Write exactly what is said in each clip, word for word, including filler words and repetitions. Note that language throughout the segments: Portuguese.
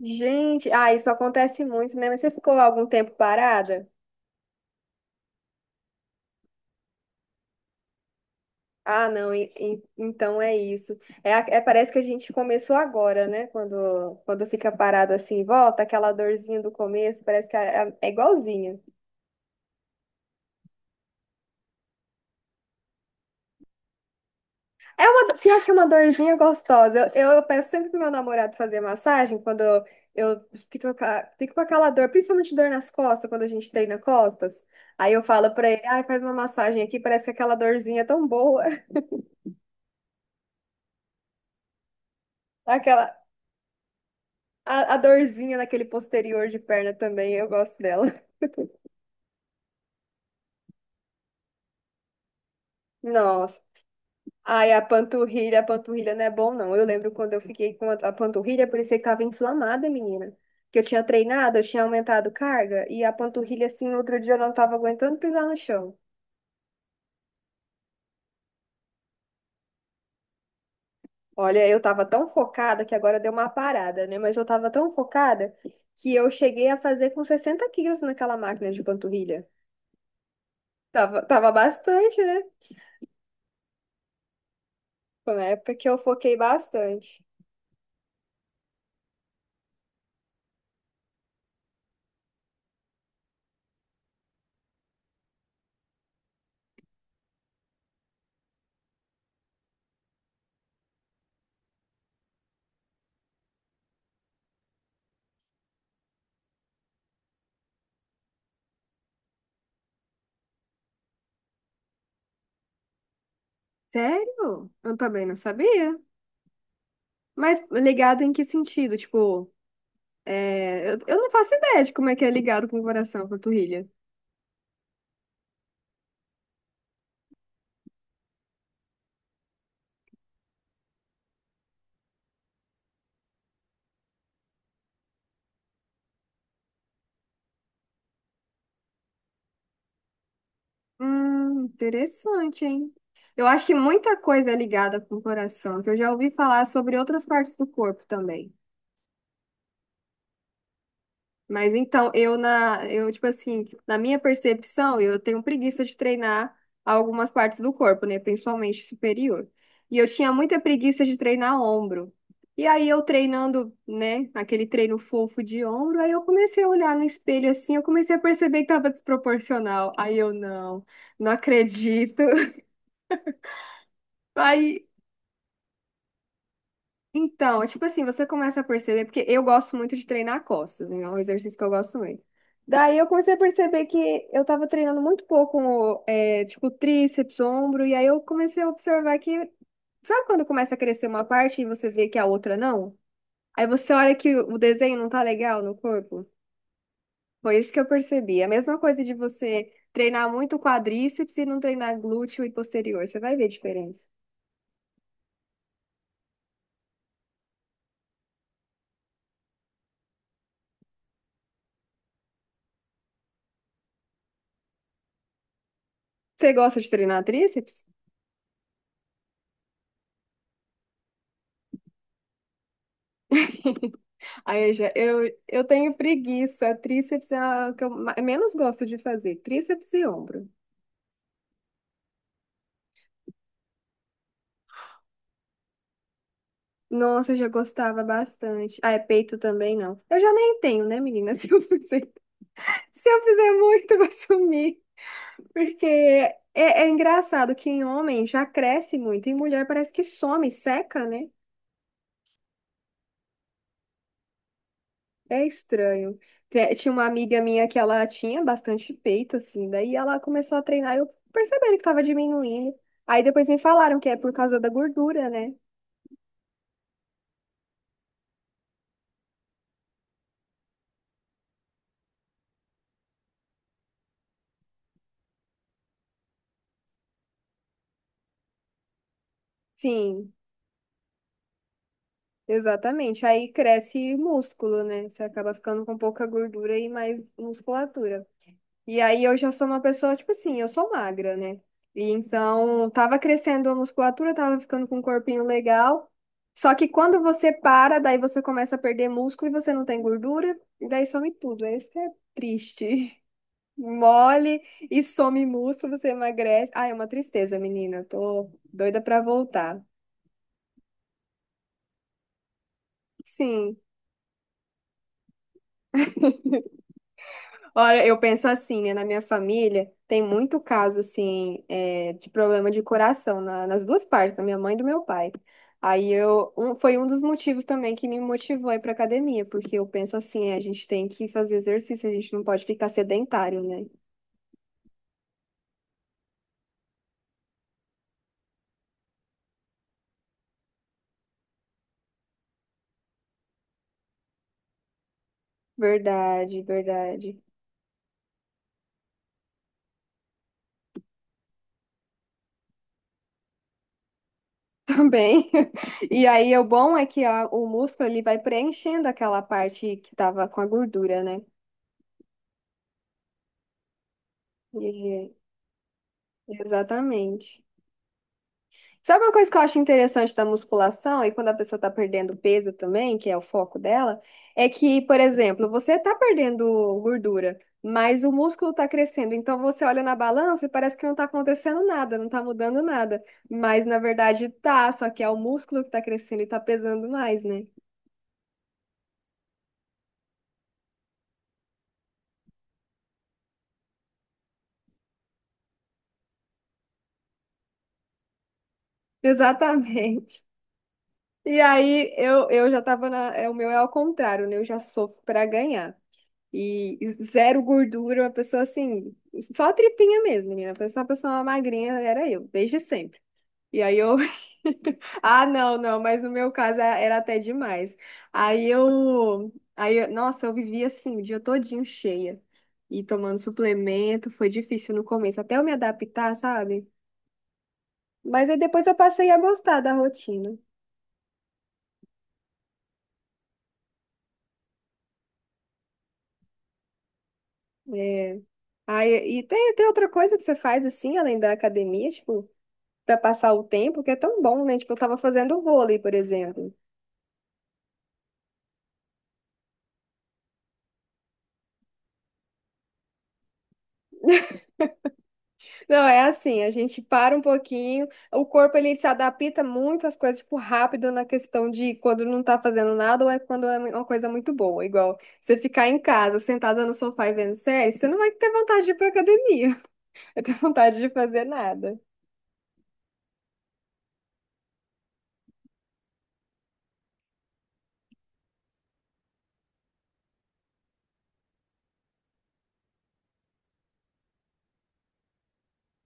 Gente, ah, isso acontece muito, né? Mas você ficou algum tempo parada? Ah, não, e- e- então é isso. É, a- é, parece que a gente começou agora, né? Quando, quando fica parado assim, volta aquela dorzinha do começo, parece que é, é- é igualzinha. É uma, do- pior que uma dorzinha gostosa. Eu, eu peço sempre pro meu namorado fazer massagem quando eu, eu fico, com a- fico com aquela dor, principalmente dor nas costas, quando a gente treina costas. Aí eu falo pra ele, ah, faz uma massagem aqui, parece que aquela dorzinha é tão boa. Aquela, A, a dorzinha naquele posterior de perna também, eu gosto dela. Nossa. Ai, a panturrilha, a panturrilha não é bom, não. Eu lembro quando eu fiquei com a, a panturrilha, parecia que tava inflamada, menina. Que eu tinha treinado, eu tinha aumentado carga, e a panturrilha, assim, outro dia eu não tava aguentando pisar no chão. Olha, eu tava tão focada que agora deu uma parada, né? Mas eu tava tão focada que eu cheguei a fazer com sessenta quilos naquela máquina de panturrilha. Tava, tava bastante, né? Foi uma época que eu foquei bastante. Sério? Eu também não sabia. Mas ligado em que sentido? Tipo, é, eu, eu não faço ideia de como é que é ligado com o coração, com a panturrilha. Hum, interessante, hein? Eu acho que muita coisa é ligada com o coração, que eu já ouvi falar sobre outras partes do corpo também. Mas então, eu na, eu tipo assim, na minha percepção, eu tenho preguiça de treinar algumas partes do corpo, né, principalmente superior. E eu tinha muita preguiça de treinar ombro. E aí eu treinando, né, aquele treino fofo de ombro, aí eu comecei a olhar no espelho assim, eu comecei a perceber que tava desproporcional. Aí eu não, não acredito. Aí Então, é tipo assim, você começa a perceber, porque eu gosto muito de treinar costas, né? É um exercício que eu gosto muito. Daí eu comecei a perceber que eu tava treinando muito pouco, é, tipo, tríceps, ombro, e aí eu comecei a observar que, sabe quando começa a crescer uma parte e você vê que a outra não? Aí você olha que o desenho não tá legal no corpo. Foi isso que eu percebi. A mesma coisa de você treinar muito quadríceps e não treinar glúteo e posterior. Você vai ver a diferença. Você gosta de treinar tríceps? Aí já, eu, eu tenho preguiça. Tríceps é o que eu ma- menos gosto de fazer. Tríceps e ombro. Nossa, eu já gostava bastante. Ah, é peito também, não. Eu já nem tenho, né, menina? Se eu fizer, se eu fizer muito, vai sumir. Porque é, é engraçado que em homem já cresce muito, em mulher parece que some, seca, né? É estranho. Te- Tinha uma amiga minha que ela tinha bastante peito, assim, daí ela começou a treinar e eu percebendo que tava diminuindo. Aí depois me falaram que é por causa da gordura, né? Sim, exatamente. Aí cresce músculo, né? Você acaba ficando com pouca gordura e mais musculatura. E aí eu já sou uma pessoa, tipo assim, eu sou magra, né? E então tava crescendo a musculatura, tava ficando com um corpinho legal. Só que quando você para, daí você começa a perder músculo e você não tem gordura, e daí some tudo. Esse que é triste. Mole e some músculo, você emagrece. Ah, é uma tristeza, menina. Tô doida pra voltar. Sim. Ora, eu penso assim, né? Na minha família tem muito caso, assim, é, de problema de coração na- nas duas partes, da minha mãe e do meu pai. Aí eu, um- foi um dos motivos também que me motivou a ir pra academia, porque eu penso assim, é, a gente tem que fazer exercício, a gente não pode ficar sedentário, né? Verdade, verdade. Também. E aí o bom é que a- o músculo ele vai preenchendo aquela parte que tava com a gordura, né? E- Exatamente. Sabe uma coisa que eu acho interessante da musculação e quando a pessoa tá perdendo peso também, que é o foco dela, é que, por exemplo, você tá perdendo gordura, mas o músculo tá crescendo. Então você olha na balança e parece que não tá acontecendo nada, não tá mudando nada. Mas na verdade tá, só que é o músculo que tá crescendo e tá pesando mais, né? Exatamente. E aí eu, eu já tava na. É, O meu é ao contrário, né? Eu já sofro pra ganhar. E zero gordura, uma pessoa assim, só tripinha mesmo, menina. Só uma pessoa magrinha era eu, desde sempre. E aí eu. Ah, não, não, mas no meu caso a- era até demais. Aí eu. Aí, eu- nossa, eu vivia assim, o dia todinho cheia. E tomando suplemento, foi difícil no começo, até eu me adaptar, sabe? Mas aí depois eu passei a gostar da rotina. É. Aí, e tem, tem outra coisa que você faz assim, além da academia, tipo, para passar o tempo, que é tão bom, né? Tipo, eu tava fazendo vôlei, por exemplo. Não, é assim, a gente para um pouquinho, o corpo ele se adapta muito às coisas, tipo, rápido na questão de quando não tá fazendo nada ou é quando é uma coisa muito boa. Igual você ficar em casa, sentada no sofá e vendo série, você não vai ter vontade de ir pra academia, vai ter vontade de fazer nada.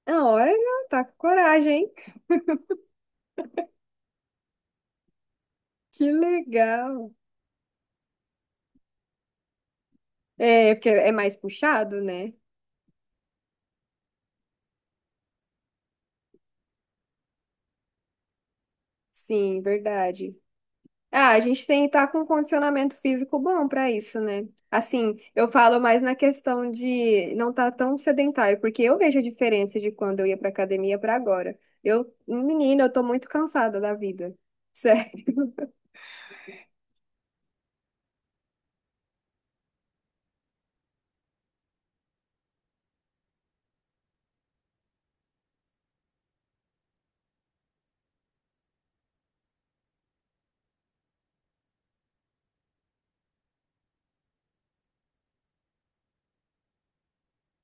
Ah, olha, tá com coragem, hein? Que legal. É, porque é mais puxado, né? Sim, verdade. Ah, a gente tem que estar com um condicionamento físico bom para isso, né? Assim, eu falo mais na questão de não estar tão sedentário, porque eu vejo a diferença de quando eu ia para academia para agora. Eu, menina, eu tô muito cansada da vida. Sério.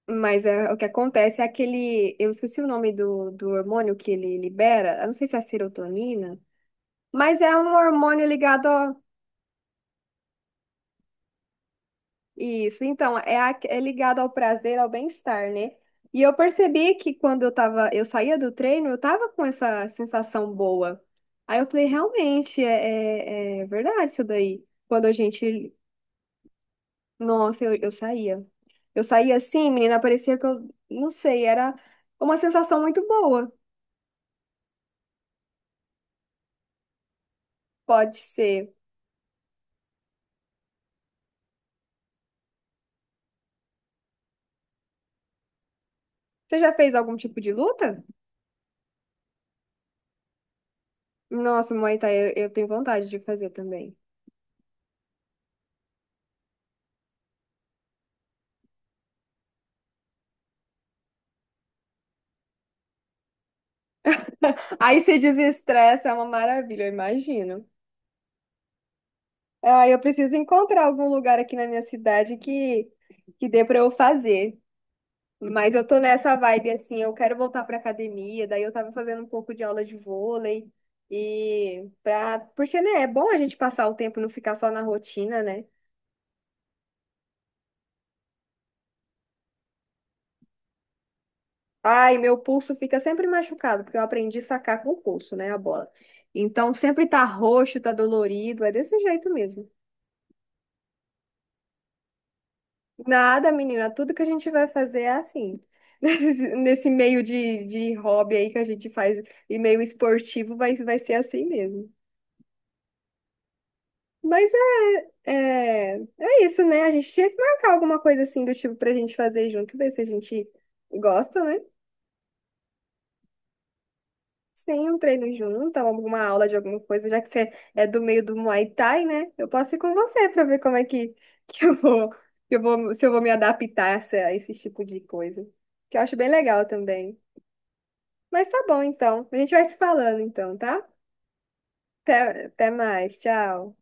Mas é, o que acontece é aquele, eu esqueci o nome do, do hormônio que ele libera, eu não sei se é a serotonina, mas é um hormônio ligado. Isso, então, é, a- é ligado ao prazer, ao bem-estar, né? E eu percebi que quando eu tava, eu saía do treino, eu tava com essa sensação boa. Aí eu falei, realmente, é, é, é verdade isso daí. Quando a gente, nossa, eu, eu saía. Eu saía assim, menina, parecia que eu, não sei, era uma sensação muito boa. Pode ser. Você já fez algum tipo de luta? Nossa, Muay Thai, eu, eu tenho vontade de fazer também. Aí se desestressa, é uma maravilha, eu imagino. Ah, eu preciso encontrar algum lugar aqui na minha cidade que, que dê para eu fazer. Mas eu tô nessa vibe assim, eu quero voltar para academia, daí eu tava fazendo um pouco de aula de vôlei e pra, porque né, é bom a gente passar o tempo e não ficar só na rotina, né? Ai, meu pulso fica sempre machucado, porque eu aprendi a sacar com o pulso, né, a bola. Então sempre tá roxo, tá dolorido, é desse jeito mesmo. Nada, menina, tudo que a gente vai fazer é assim. Nesse nesse meio de, de hobby aí que a gente faz, e meio esportivo, vai, vai ser assim mesmo. Mas é, é, é isso, né? A gente tinha que marcar alguma coisa assim do tipo pra gente fazer junto, ver se a gente gosta, né? Sim, um treino junto, alguma aula de alguma coisa, já que você é do meio do Muay Thai, né? Eu posso ir com você pra ver como é que, que eu vou, que eu vou, se eu vou me adaptar a essa- a esse tipo de coisa. Que eu acho bem legal também. Mas tá bom, então. A gente vai se falando, então, tá? Até, até mais. Tchau.